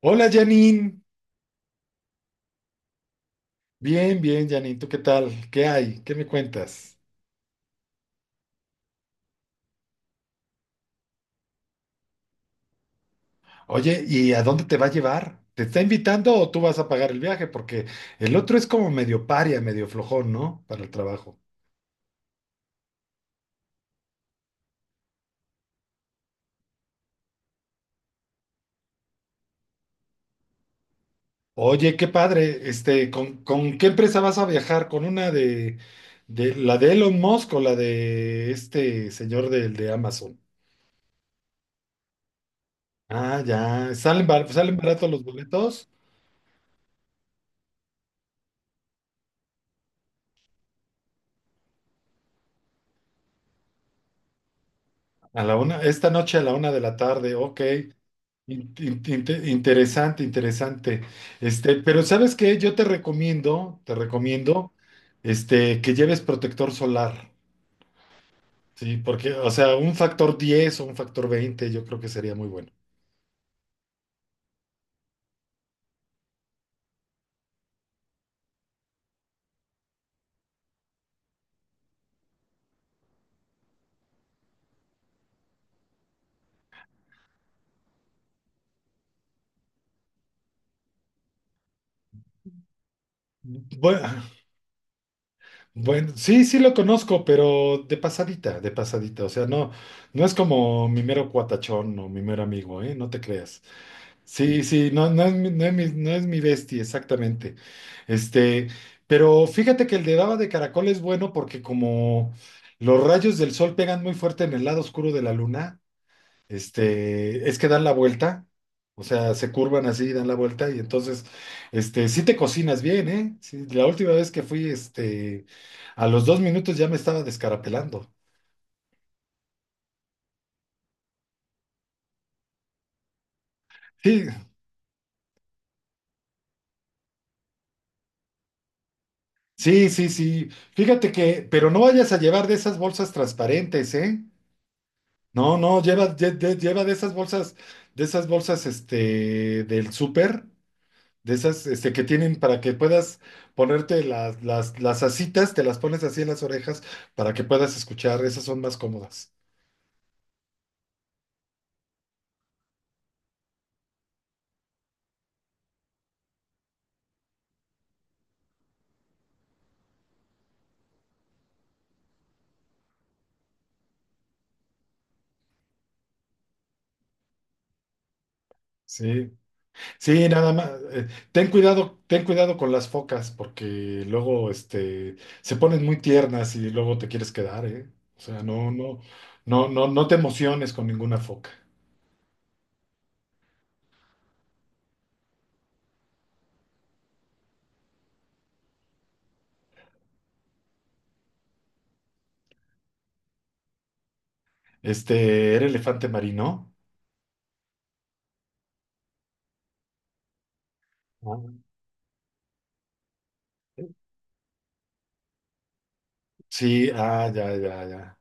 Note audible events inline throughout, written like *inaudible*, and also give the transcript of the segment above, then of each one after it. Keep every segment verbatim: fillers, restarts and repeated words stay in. Hola Janine, bien, bien Janine, ¿tú qué tal? ¿Qué hay? ¿Qué me cuentas? Oye, ¿y a dónde te va a llevar? ¿Te está invitando o tú vas a pagar el viaje? Porque el otro es como medio paria, medio flojón, ¿no? Para el trabajo. Oye, qué padre, este, ¿con, con qué empresa vas a viajar? ¿Con una de, de la de Elon Musk o la de este señor del de Amazon? Ah, ya, salen, bar- salen baratos los boletos. A la una, esta noche a la una de la tarde, ok. In- in- inte- Interesante, interesante. Este, pero ¿sabes qué? Yo te recomiendo, te recomiendo, este, que lleves protector solar, ¿sí? Porque, o sea, un factor diez o un factor veinte yo creo que sería muy bueno. Bueno, bueno, sí, sí lo conozco, pero de pasadita, de pasadita. O sea, no, no es como mi mero cuatachón o mi mero amigo, ¿eh? No te creas. Sí, sí, no, no es mi, no es mi, no es mi bestia, exactamente. Este, pero fíjate que el de baba de caracol es bueno porque como los rayos del sol pegan muy fuerte en el lado oscuro de la luna, este, es que dan la vuelta, o sea, se curvan así, dan la vuelta, y entonces, este, sí te cocinas bien, ¿eh? Sí, la última vez que fui, este, a los dos minutos ya me estaba descarapelando. Sí, sí, sí, sí. Fíjate que, pero no vayas a llevar de esas bolsas transparentes, ¿eh? No, no, lleva, lle- lle- lleva de esas bolsas, de esas bolsas, este, del súper. De esas este, que tienen para que puedas ponerte las, las, las asitas, te las pones así en las orejas para que puedas escuchar, esas son más cómodas. Sí, sí, nada más. Eh, ten cuidado, ten cuidado con las focas, porque luego este, se ponen muy tiernas y luego te quieres quedar, ¿eh? O sea, no, no, no, no, no te emociones con ninguna foca. Este, ¿era elefante marino? Ah. Sí, ah, ya, ya, ya.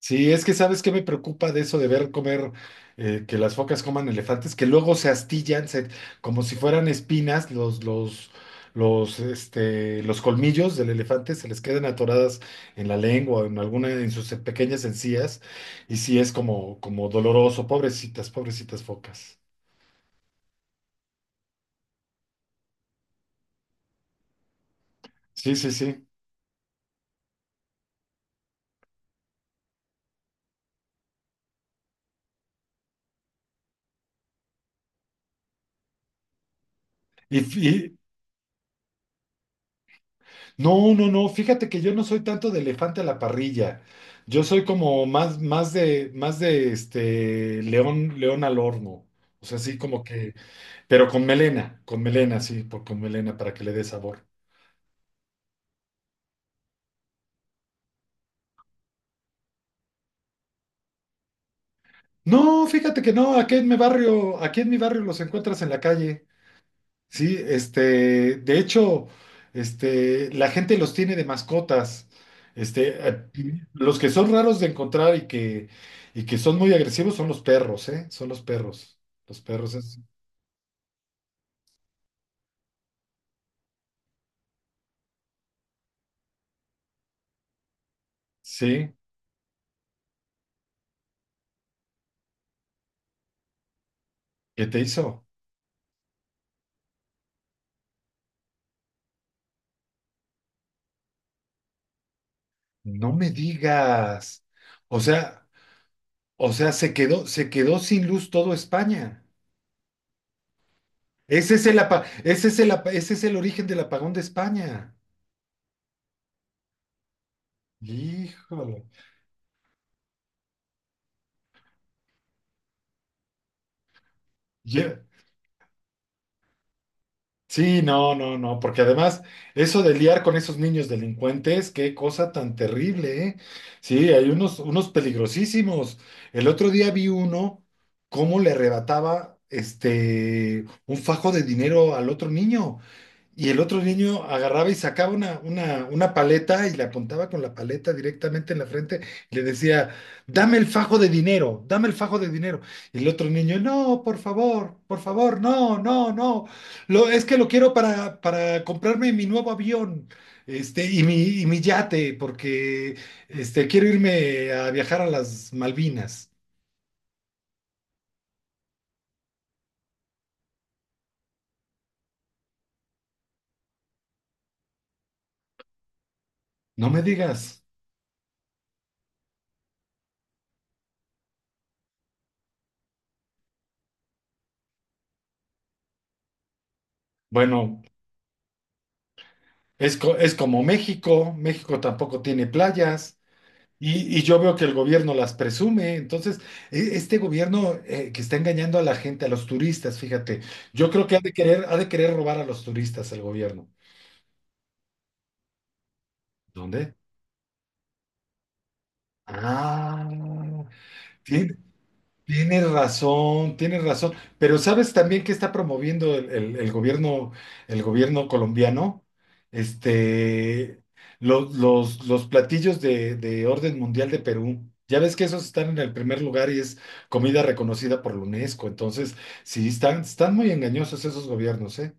Sí, es que sabes qué me preocupa de eso de ver comer, eh, que las focas coman elefantes, que luego se astillan, se- como si fueran espinas, los, los, los, este, los colmillos del elefante se les quedan atoradas en la lengua, o en alguna, en sus pequeñas encías, y sí es como, como doloroso, pobrecitas, pobrecitas focas. Sí, sí, sí. Y, no, no, no, fíjate que yo no soy tanto de elefante a la parrilla. Yo soy como más, más de, más de este león, león al horno. O sea, así como que, pero con melena, con melena, sí, por, con melena para que le dé sabor. No, fíjate que no, aquí en mi barrio, aquí en mi barrio los encuentras en la calle. Sí, este, de hecho, este, la gente los tiene de mascotas. Este, eh, los que son raros de encontrar y que, y que son muy agresivos son los perros, ¿eh? Son los perros. Los perros es- Sí, ¿qué te hizo? No me digas. O sea, o sea, se quedó, se quedó sin luz todo España. Ese es el, apa- ese es el, apa- ese es el origen del apagón de España. Híjole. Ya- sí, no, no, no, porque además eso de liar con esos niños delincuentes, qué cosa tan terrible, ¿eh? Sí, hay unos, unos peligrosísimos. El otro día vi uno cómo le arrebataba este un fajo de dinero al otro niño. Y el otro niño agarraba y sacaba una, una, una paleta y le apuntaba con la paleta directamente en la frente y le decía, dame el fajo de dinero, dame el fajo de dinero. Y el otro niño, no, por favor, por favor, no, no, no. Lo, es que lo quiero para, para comprarme mi nuevo avión, este, y mi, y mi yate, porque este, quiero irme a viajar a las Malvinas. No me digas. Bueno, es, co- es como México, México tampoco tiene playas. Y, y yo veo que el gobierno las presume. Entonces, e- este gobierno eh, que está engañando a la gente, a los turistas, fíjate, yo creo que ha de querer, ha de querer robar a los turistas el gobierno. ¿Dónde? Ah, sí, tienes razón, tienes razón. Pero ¿sabes también qué está promoviendo el, el- el gobierno, el gobierno colombiano? Este, los, los, los platillos de, de orden mundial de Perú. Ya ves que esos están en el primer lugar y es comida reconocida por la UNESCO. Entonces, sí, están, están muy engañosos esos gobiernos, ¿eh?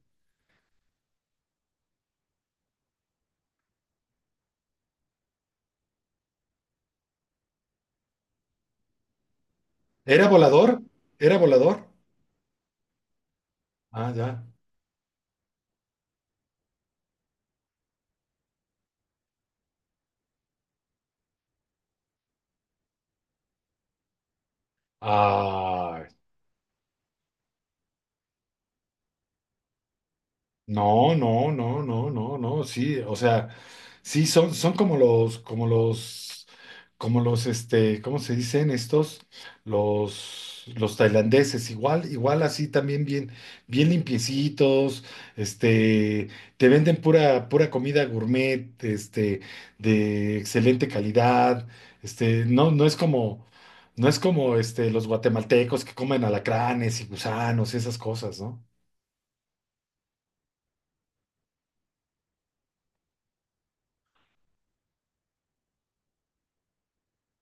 ¿Era volador? ¿Era volador? Ah, ya. Ah. No, no, no, no, no, no, sí, o sea, sí, son, son como los, como los, como los, este, ¿cómo se dicen estos? Los, los tailandeses, igual, igual así también bien, bien limpiecitos, este, te venden pura, pura comida gourmet, este, de excelente calidad, este, no, no es como, no es como, este, los guatemaltecos que comen alacranes y gusanos, esas cosas, ¿no?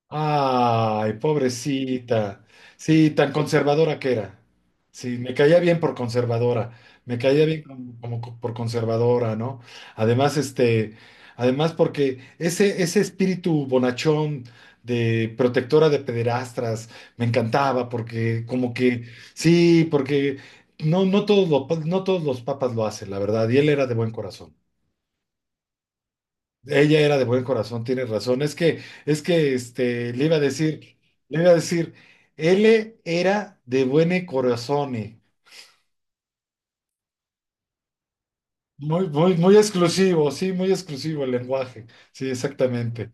Ay, pobrecita. Sí, tan conservadora que era. Sí, me caía bien por conservadora. Me caía bien como, como co- por conservadora, ¿no? Además, este, además porque ese, ese espíritu bonachón de protectora de pederastras me encantaba porque como que sí, porque no, no todos los, pa- no todos los papas lo hacen, la verdad, y él era de buen corazón. Ella era de buen corazón, tienes razón. Es que, es que, este, le iba a decir, le iba a decir, él era de buen corazón. Eh, muy, muy, muy exclusivo, sí, muy exclusivo el lenguaje. Sí, exactamente.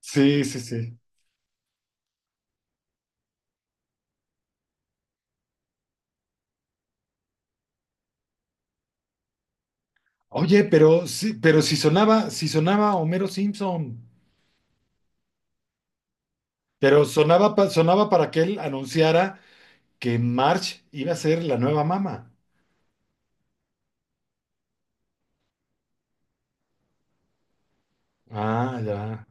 Sí, sí, sí. Oye, pero sí, pero si sonaba, si sonaba Homero Simpson, pero sonaba, pa- sonaba para que él anunciara que Marge iba a ser la nueva mamá. Ah, ya.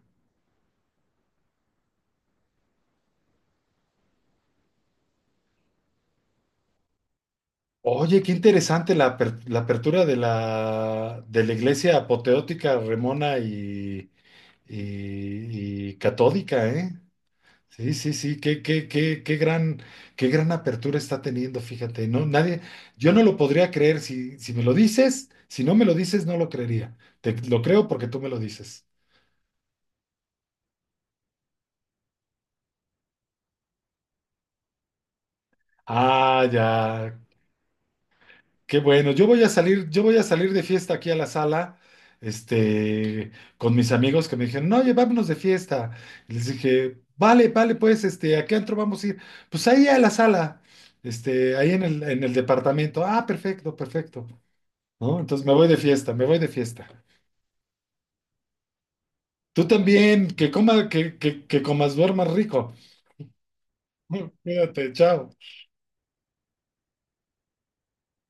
Oye, qué interesante la, aper- la apertura de la, de la iglesia apoteótica, remona y, y- y catódica, ¿eh? Sí, sí, sí, qué, qué, qué, qué gran, qué gran apertura está teniendo, fíjate, no, nadie, yo no lo podría creer si, si me lo dices, si no me lo dices, no lo creería. Te lo creo porque tú me lo dices. Ah, ya, qué bueno. Yo voy a salir, yo voy a salir de fiesta aquí a la sala, este, con mis amigos que me dijeron, no, oye, vámonos de fiesta. Y les dije, vale, vale, pues, este, ¿a qué antro vamos a ir? Pues ahí a la sala, este, ahí en el, en el departamento. Ah, perfecto, perfecto. ¿No? Entonces me voy de fiesta, me voy de fiesta. Tú también, que coma, que, que, que comas, duermas rico. *laughs* Cuídate, chao.